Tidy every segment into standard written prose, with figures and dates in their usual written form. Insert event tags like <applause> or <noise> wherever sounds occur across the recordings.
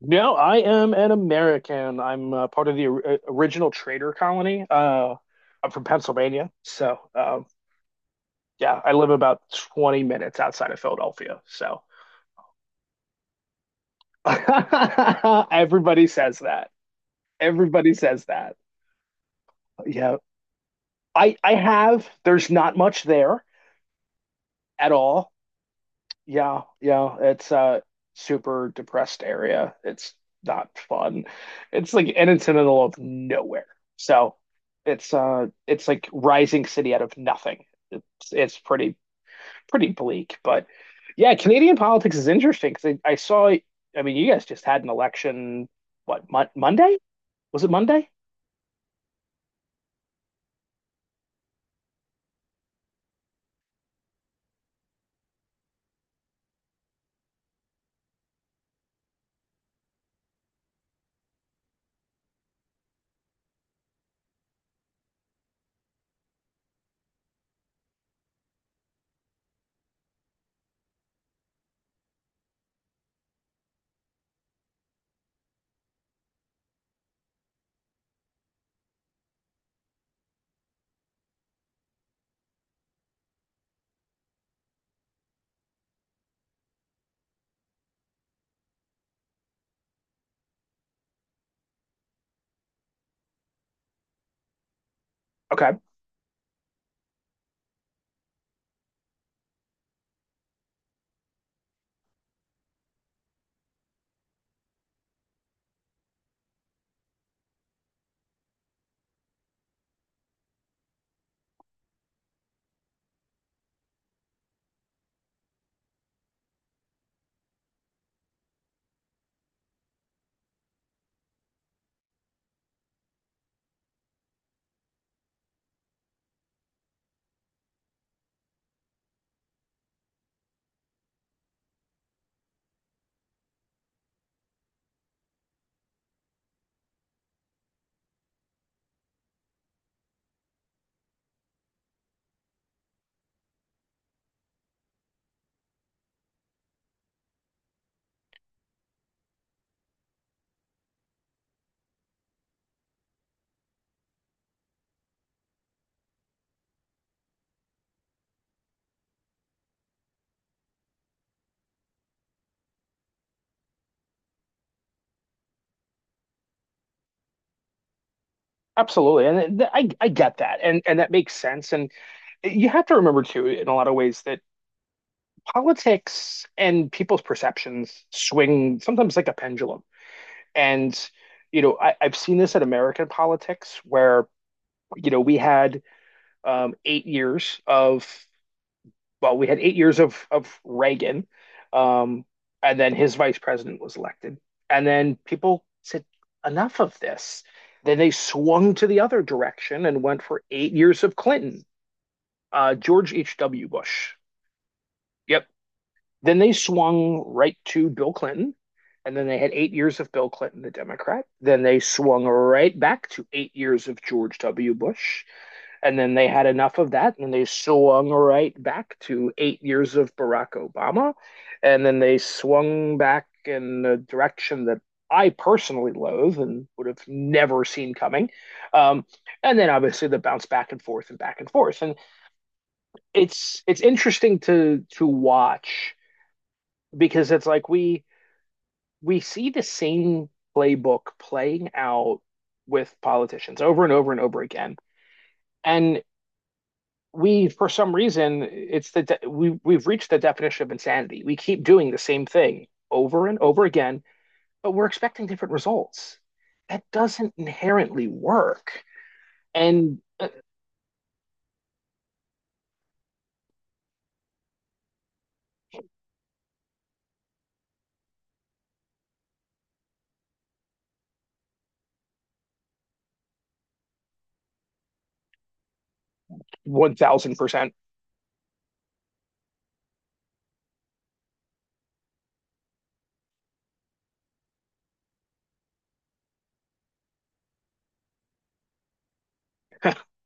No, I am an American. I'm part of the original trader colony. I'm from Pennsylvania, so yeah, I live about 20 minutes outside of Philadelphia. So <laughs> everybody says that. Everybody says that. Yeah, I have. There's not much there at all. Yeah, yeah, it's a super depressed area. It's not fun. It's like and it's in the middle of nowhere. So it's like rising city out of nothing. It's it's pretty bleak, but yeah, Canadian politics is interesting because I saw. I mean you guys just had an election, what, Monday? Was it Monday? Okay, absolutely. And I get that. And that makes sense, and you have to remember too in a lot of ways that politics and people's perceptions swing sometimes like a pendulum. And, you know, I've seen this in American politics where, you know, we had 8 years of, well, we had 8 years of Reagan, um, and then his vice president was elected. And then people said, enough of this. Then they swung to the other direction and went for 8 years of Clinton. George H.W. Bush. Yep. Then they swung right to Bill Clinton. And then they had 8 years of Bill Clinton, the Democrat. Then they swung right back to 8 years of George W. Bush. And then they had enough of that. And they swung right back to 8 years of Barack Obama. And then they swung back in a direction that I personally loathe and would have never seen coming. Um, and then obviously the bounce back and forth and back and forth. And it's interesting to watch because it's like we see the same playbook playing out with politicians over and over and over again. And we, for some reason, it's we we've reached the definition of insanity. We keep doing the same thing over and over again, but we're expecting different results. That doesn't inherently work. And 1000%. <laughs>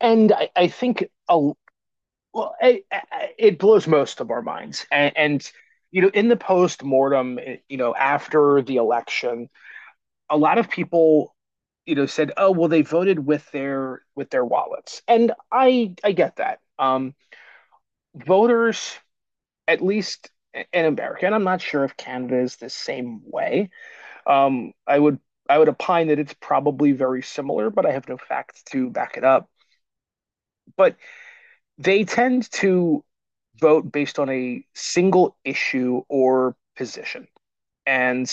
And well, it blows most of our minds. And you know, in the post mortem, you know, after the election, a lot of people, you know, said, "Oh, well, they voted with their wallets," and I get that. Voters, at least in America, and I'm not sure if Canada is the same way. Um, I would I would opine that it's probably very similar, but I have no facts to back it up. But they tend to vote based on a single issue or position. And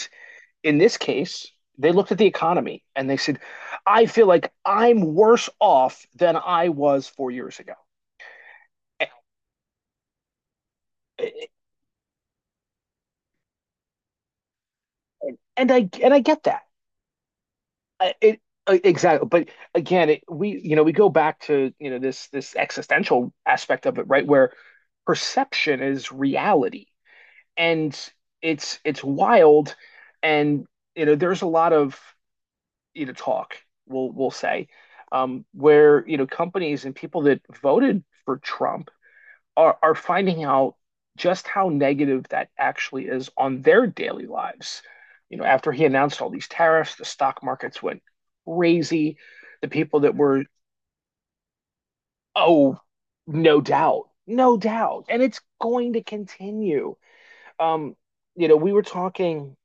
in this case, they looked at the economy and they said, I feel like I'm worse off than I was 4 years ago. And I get that. I- It, exactly. But again, we, you know, we go back to, you know, this existential aspect of it, right? Where perception is reality. And it's wild, and you know there's a lot of, you know, talk, we'll say, where, you know, companies and people that voted for Trump are finding out just how negative that actually is on their daily lives. You know, after he announced all these tariffs, the stock markets went crazy. The people that were, oh, no doubt, no doubt. And it's going to continue. Um, you know, we were talking.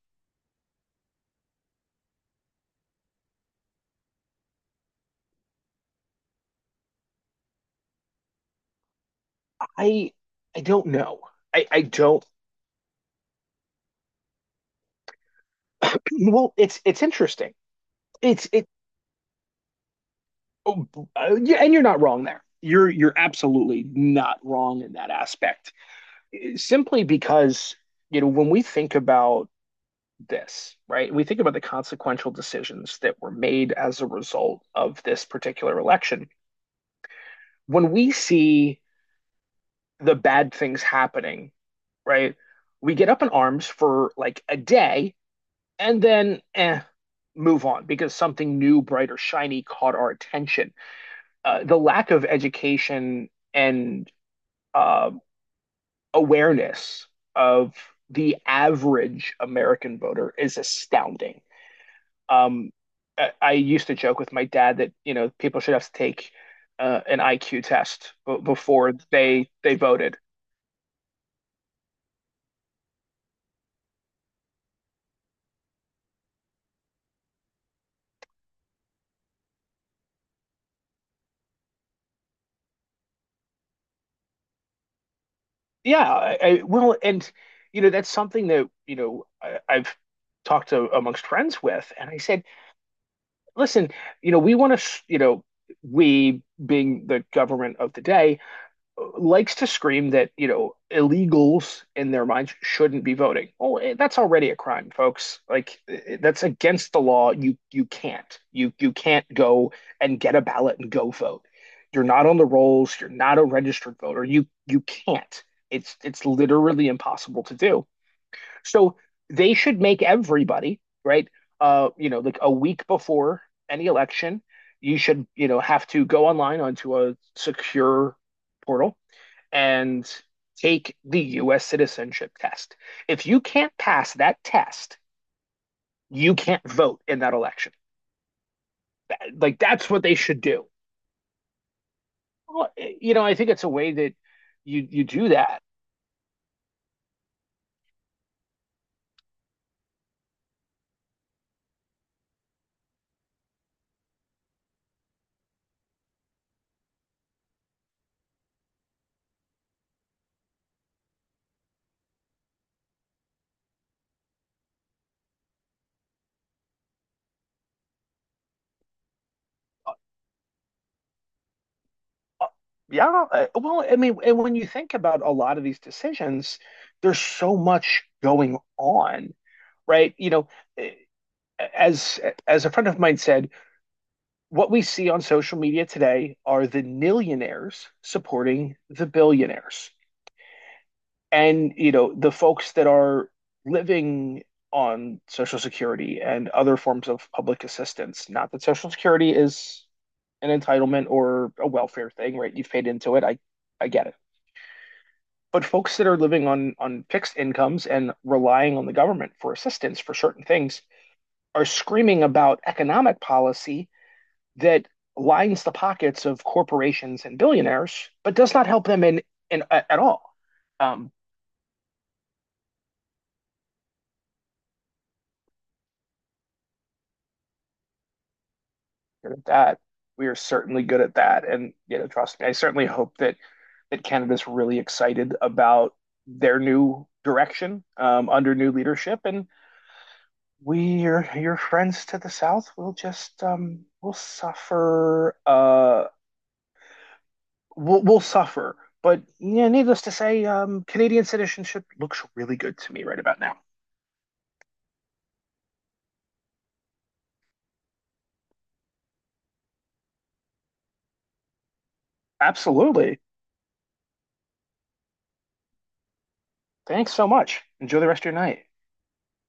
I I don't know. I don't. Well, it's interesting. It's it. oh, yeah, and you're not wrong there. You're absolutely not wrong in that aspect. Simply because you know when we think about this, right? We think about the consequential decisions that were made as a result of this particular election. When we see the bad things happening, right? We get up in arms for like a day and then move on because something new, bright, or shiny caught our attention. The lack of education and uh, awareness of the average American voter is astounding. Um, I used to joke with my dad that you know people should have to take an IQ test b before they voted. Yeah, well, and you know that's something that you know I've talked to amongst friends with, and I said, listen, you know, we want to, you know, we being the government of the day likes to scream that, you know, illegals in their minds shouldn't be voting. Oh, that's already a crime, folks. Like that's against the law. You can't. You can't go and get a ballot and go vote. You're not on the rolls, you're not a registered voter. You can't. It's literally impossible to do. So they should make everybody, right? You know, like a week before any election, you should, you know, have to go online onto a secure portal and take the US citizenship test. If you can't pass that test, you can't vote in that election. Like that's what they should do. Well, you know, I think it's a way that you do that. Yeah. Well, I mean, and when you think about a lot of these decisions, there's so much going on, right? You know, eh, as a friend of mine said, what we see on social media today are the millionaires supporting the billionaires. And, you know, the folks that are living on Social Security and other forms of public assistance. Not that Social Security is an entitlement or a welfare thing, right? You've paid into it. I get it. But folks that are living on fixed incomes and relying on the government for assistance for certain things, are screaming about economic policy that lines the pockets of corporations and billionaires, but does not help them in, at all. Um, that we are certainly good at that, and you know, trust me, I certainly hope that that Canada's really excited about their new direction under new leadership, and we, your friends to the south, will just will suffer. Will suffer. But yeah, needless to say, Canadian citizenship looks really good to me right about now. Absolutely. Thanks so much. Enjoy the rest of your night.